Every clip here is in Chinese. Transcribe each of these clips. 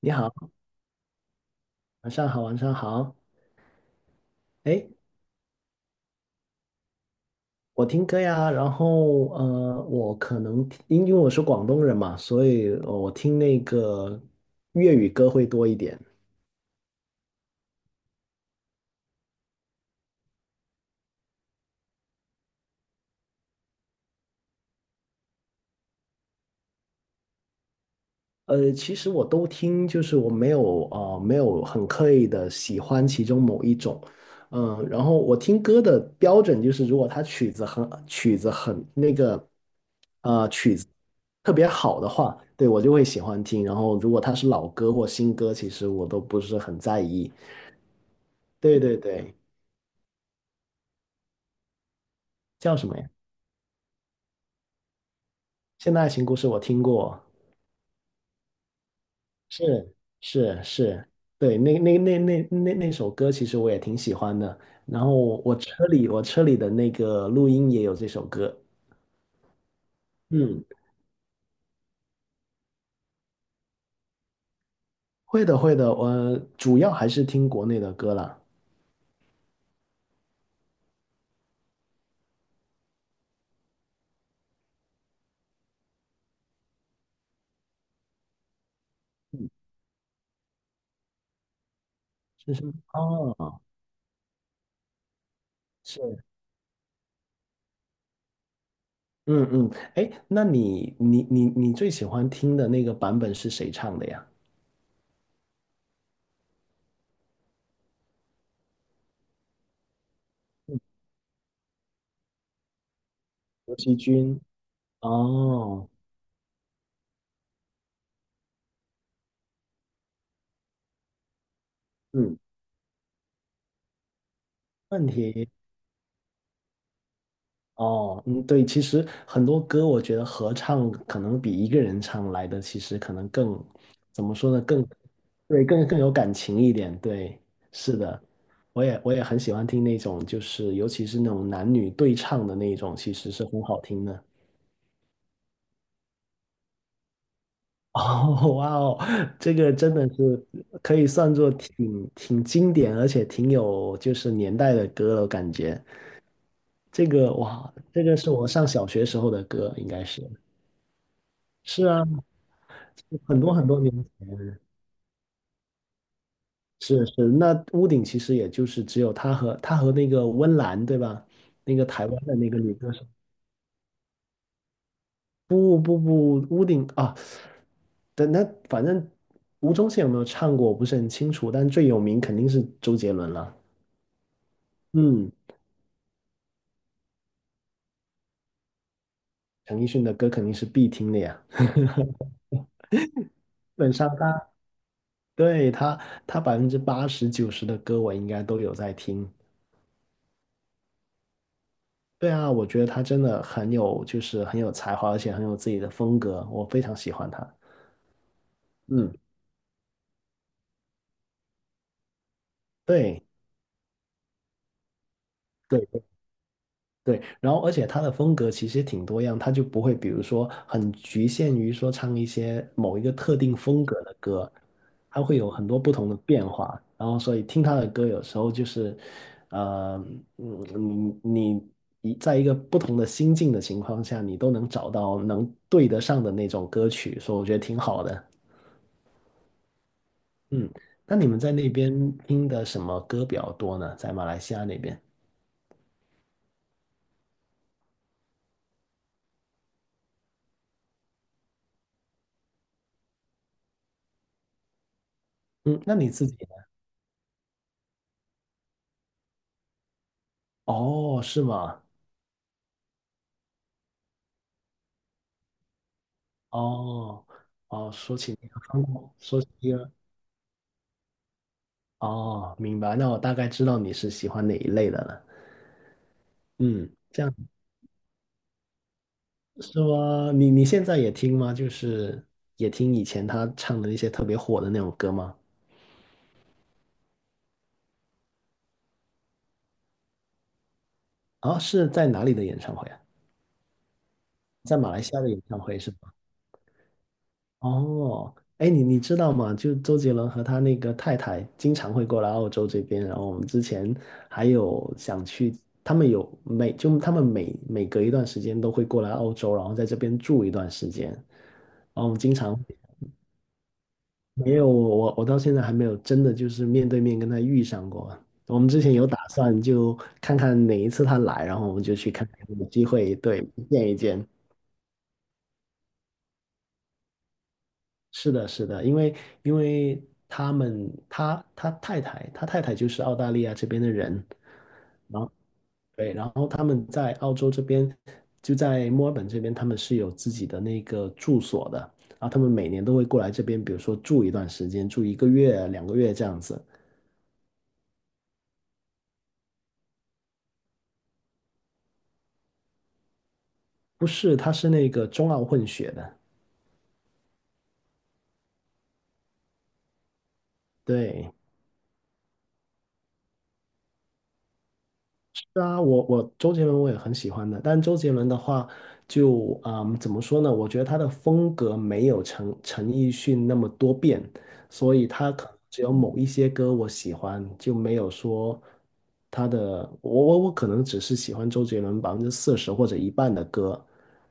你好，晚上好，晚上好。哎，我听歌呀，然后我可能听因为我是广东人嘛，所以我听那个粤语歌会多一点。其实我都听，就是我没有没有很刻意的喜欢其中某一种，嗯、然后我听歌的标准就是，如果它曲子很那个曲子特别好的话，对，我就会喜欢听。然后如果它是老歌或新歌，其实我都不是很在意。对对对，叫什么呀？现代爱情故事我听过，是是是，对，那首歌其实我也挺喜欢的。然后我车里的那个录音也有这首歌。嗯，会的会的，我主要还是听国内的歌啦。是是。哦，是，嗯嗯，哎，那你最喜欢听的那个版本是谁唱的呀？嗯，刘惜君。哦，嗯，问题。哦，嗯，对，其实很多歌我觉得合唱可能比一个人唱来的，其实可能更，怎么说呢，更，对，更有感情一点。对，是的，我也很喜欢听那种，就是尤其是那种男女对唱的那种，其实是很好听的。哦，哇哦，这个真的是可以算作挺经典，而且挺有就是年代的歌了，感觉这个哇，这个是我上小学时候的歌，应该是。是啊，很多很多年前，是是，那屋顶其实也就是只有他和那个温岚，对吧？那个台湾的那个女歌手，不不不，屋顶啊，等那反正吴宗宪有没有唱过，我不是很清楚，但最有名肯定是周杰伦了。嗯，陈奕迅的歌肯定是必听的呀，基本上他对他他百分之八十九十的歌我应该都有在听。对啊，我觉得他真的很有，就是很有才华，而且很有自己的风格，我非常喜欢他。嗯，对。对对对，然后而且他的风格其实挺多样，他就不会比如说很局限于说唱一些某一个特定风格的歌，他会有很多不同的变化。然后所以听他的歌有时候就是，呃，你在一个不同的心境的情况下，你都能找到能对得上的那种歌曲，所以我觉得挺好的。嗯，那你们在那边听的什么歌比较多呢？在马来西亚那边？嗯，那你自己呢？哦，是吗？哦，哦，说起那个韩国，说起那个，哦，明白，那我大概知道你是喜欢哪一类的了。嗯，这样是说，你现在也听吗？就是也听以前他唱的那些特别火的那种歌吗？啊、是在哪里的演唱会啊？在马来西亚的演唱会是吗？哦，哎，你知道吗？就周杰伦和他那个太太经常会过来澳洲这边，然后我们之前还有想去，他们每每隔一段时间都会过来澳洲，然后在这边住一段时间，然后我们经常没有我到现在还没有真的就是面对面跟他遇上过。我们之前有打算就看看哪一次他来，然后我们就去看看有没有机会对见一见。是的，是的，因为他太太他太太就是澳大利亚这边的人，然后对，然后他们在澳洲这边就在墨尔本这边，他们是有自己的那个住所的，然后他们每年都会过来这边，比如说住一段时间，住一个月、两个月这样子。不是，他是那个中澳混血的，对，是啊，我周杰伦我也很喜欢的，但周杰伦的话就，嗯怎么说呢？我觉得他的风格没有陈奕迅那么多变，所以他可能只有某一些歌我喜欢，就没有说他的我可能只是喜欢周杰伦百分之四十或者一半的歌，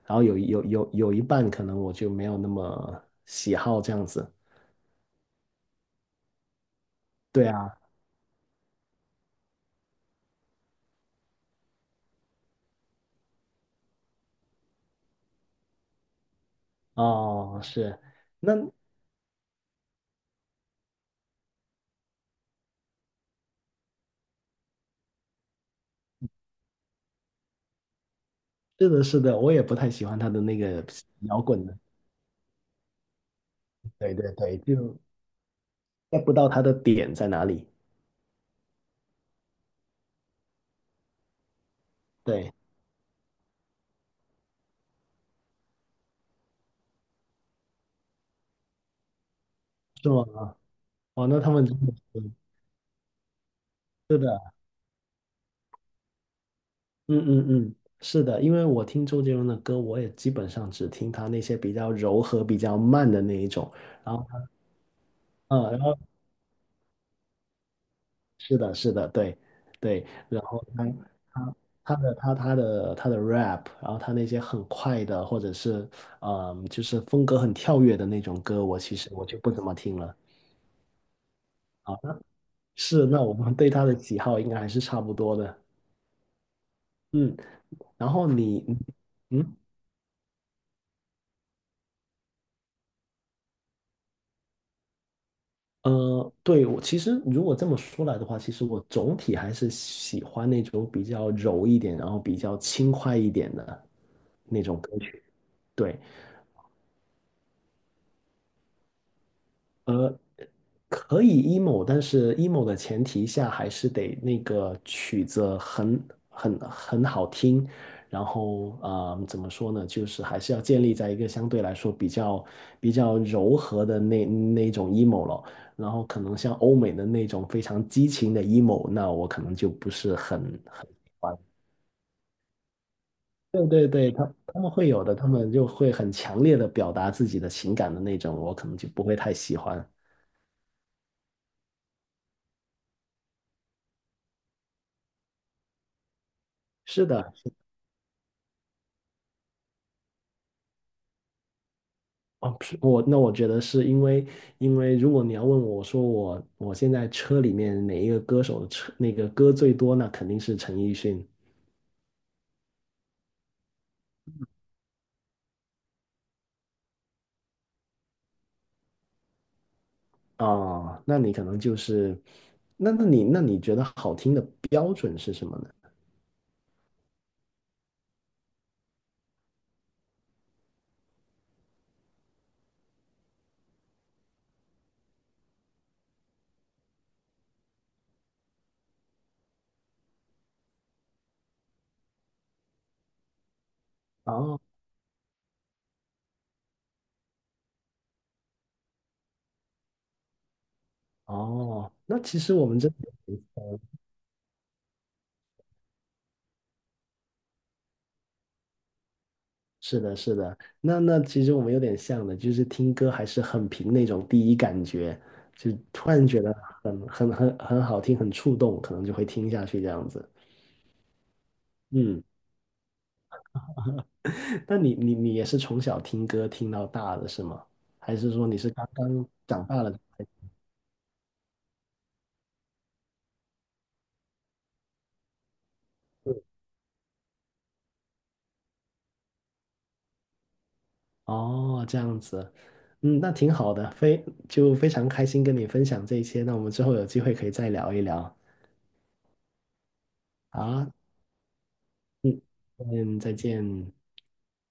然后有一半可能我就没有那么喜好这样子。对啊，哦，是，那是的，是的，我也不太喜欢他的那个摇滚。的。对对对，就 get 不到他的点在哪里。对，是吗？哦，那他们真的是是的，嗯嗯嗯，是的，因为我听周杰伦的歌，我也基本上只听他那些比较柔和、比较慢的那一种。然后他，嗯，然后是的，是的，对对，然后他的 rap，然后他那些很快的，或者是嗯，就是风格很跳跃的那种歌，我其实就不怎么听了。啊，是，那我们对他的喜好应该还是差不多的。嗯。然后你，嗯，对，我其实如果这么说来的话，其实我总体还是喜欢那种比较柔一点，然后比较轻快一点的那种歌曲。对，可以 emo，但是 emo 的前提下还是得那个曲子很好听，然后怎么说呢，就是还是要建立在一个相对来说比较柔和的那种 emo 了，然后可能像欧美的那种非常激情的 emo，那我可能就不是很喜欢。对对对，他们会有的，他们就会很强烈的表达自己的情感的那种，我可能就不会太喜欢。是的，哦，是，我那我觉得是因为，因为如果你要问我，我说我现在车里面哪一个歌手的车那个歌最多，那肯定是陈奕迅啊。那你可能就是，那你觉得好听的标准是什么呢？哦哦，那其实我们这是的，是的，那那其实我们有点像的，就是听歌还是很凭那种第一感觉，就突然觉得很好听，很触动，可能就会听下去这样子。嗯。那你也是从小听歌听到大的是吗？还是说你是刚刚长大了？哦，这样子，嗯，那挺好的，非常开心跟你分享这一些。那我们之后有机会可以再聊一聊。好啊，嗯，嗯，再见。